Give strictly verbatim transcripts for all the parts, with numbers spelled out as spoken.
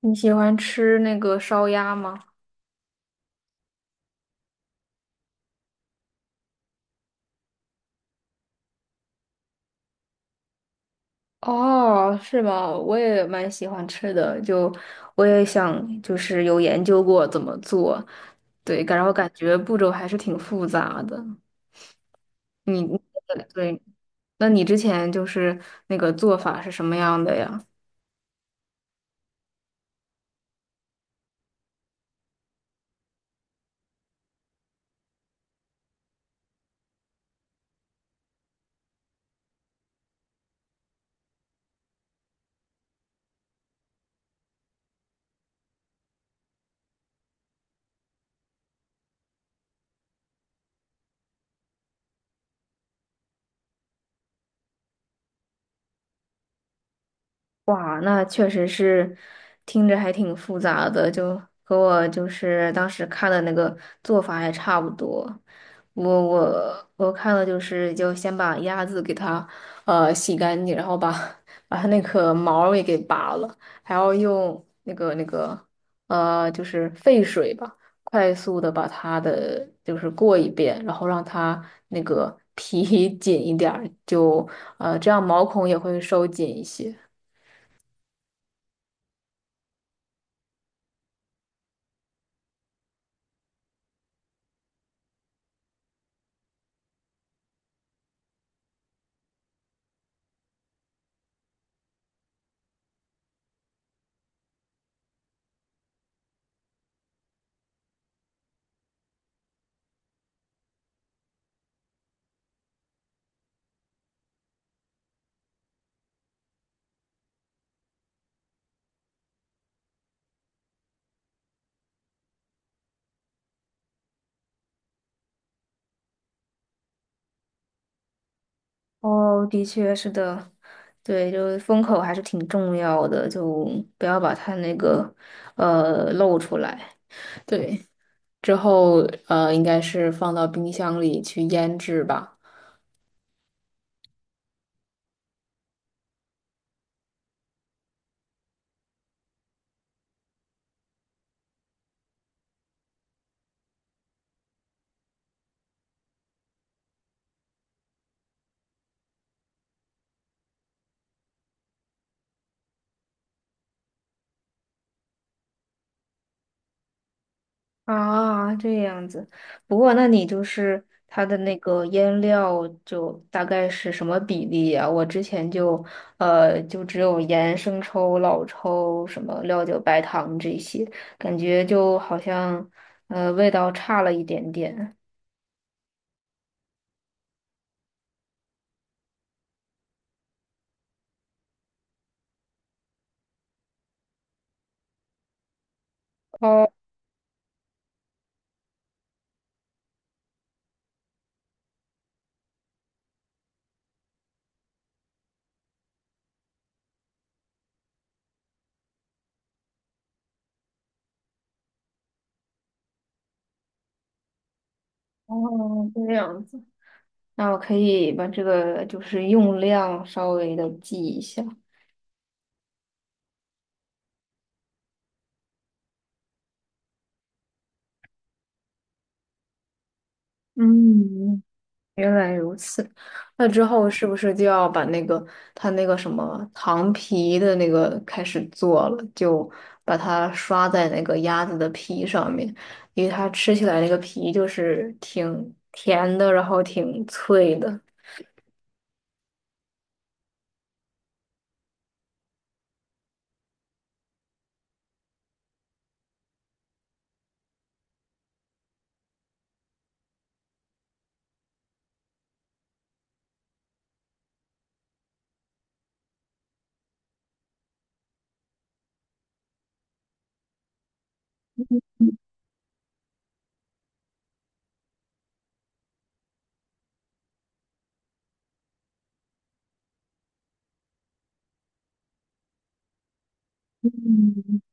你喜欢吃那个烧鸭吗？哦，是吗？我也蛮喜欢吃的，就我也想，就是有研究过怎么做，对，然后感觉步骤还是挺复杂的。你，你对，那你之前就是那个做法是什么样的呀？哇，那确实是听着还挺复杂的，就和我就是当时看的那个做法还差不多。我我我看了就是就先把鸭子给它呃洗干净，然后把把它那个毛儿也给拔了，还要用那个那个呃就是沸水吧，快速的把它的就是过一遍，然后让它那个皮 紧一点儿，就呃这样毛孔也会收紧一些。哦，的确是的，对，就是风口还是挺重要的，就不要把它那个呃露出来。对，之后呃，应该是放到冰箱里去腌制吧。啊，这样子。不过，那你就是它的那个腌料，就大概是什么比例呀？我之前就呃，就只有盐、生抽、老抽、什么料酒、白糖这些，感觉就好像呃味道差了一点点。哦哦，这样子，那我可以把这个就是用量稍微的记一下。嗯，原来如此。那之后是不是就要把那个它那个什么糖皮的那个开始做了？就把它刷在那个鸭子的皮上面，因为它吃起来那个皮就是挺甜的，然后挺脆的。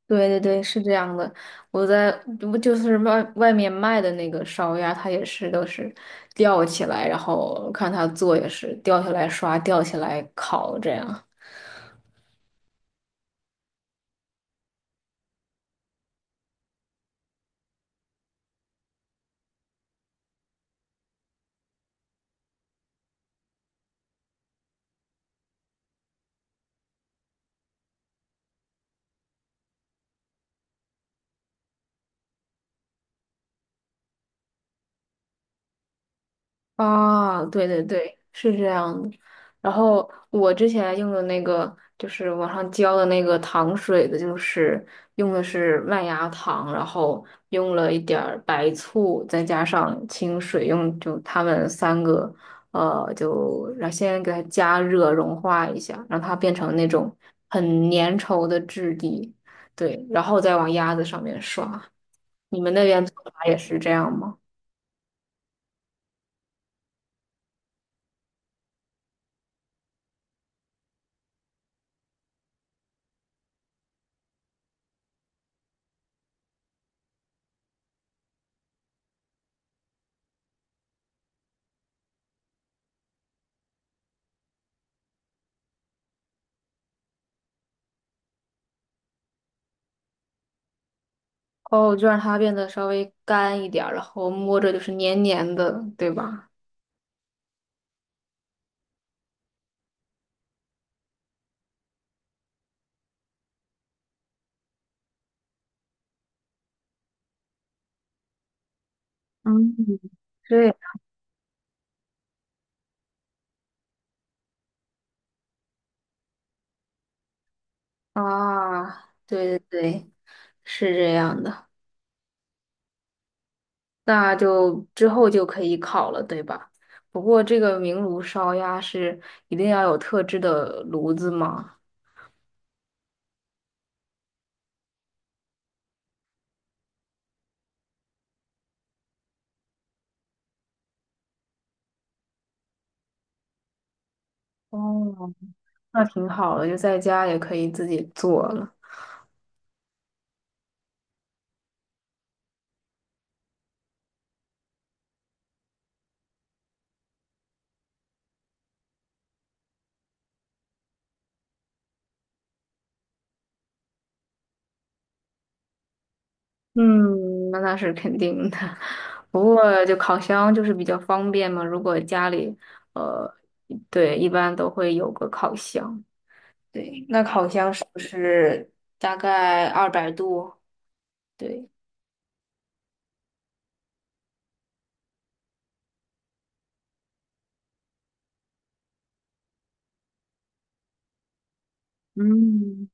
对对对，是这样的。我在不就是外外面卖的那个烧鸭，它也是都是吊起来，然后看它做也是吊起来刷，吊起来烤这样。啊，对对对，是这样的。然后我之前用的那个，就是网上教的那个糖水的，就是用的是麦芽糖，然后用了一点儿白醋，再加上清水，用就它们三个，呃，就然后先给它加热融化一下，让它变成那种很粘稠的质地，对，然后再往鸭子上面刷。你们那边做法也是这样吗？哦，就让它变得稍微干一点儿，然后摸着就是黏黏的，对吧？嗯，对啊，对对对，是这样的。那就之后就可以烤了，对吧？不过这个明炉烧鸭是一定要有特制的炉子吗？哦，那挺好的，就在家也可以自己做了。嗯，那那是肯定的。不过就烤箱就是比较方便嘛，如果家里呃，对，一般都会有个烤箱。对，那烤箱是不是大概二百度？对，嗯，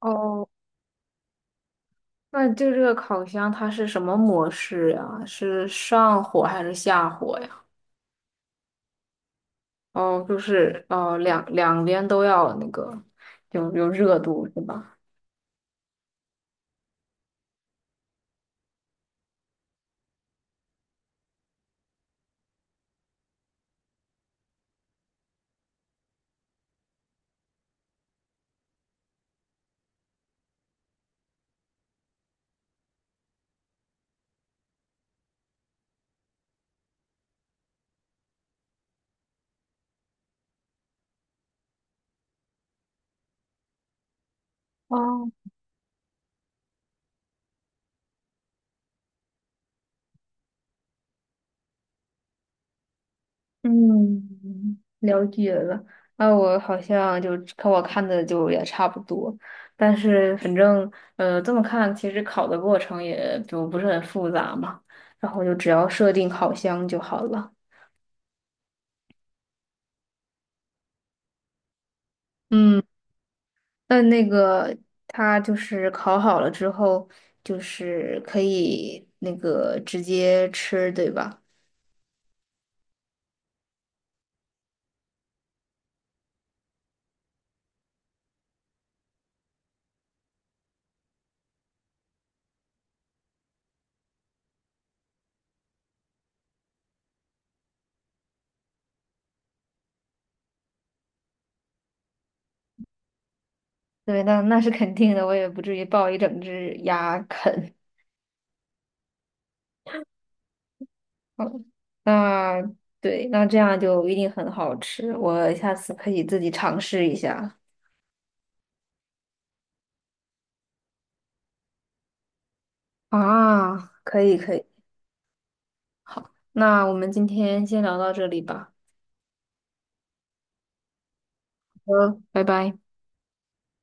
哦，那就这个烤箱它是什么模式呀？是上火还是下火呀？哦，就是哦，两两边都要那个有有热度是吧？哦，嗯，了解了。那我好像就跟我看的就也差不多，但是反正呃这么看，其实烤的过程也就不是很复杂嘛，然后就只要设定烤箱就好了。嗯，那那个它就是烤好了之后，就是可以那个直接吃，对吧？对，那那是肯定的，我也不至于抱一整只鸭啃。嗯，那对，那这样就一定很好吃，我下次可以自己尝试一下。啊，可以可以，那我们今天先聊到这里吧。嗯，拜拜。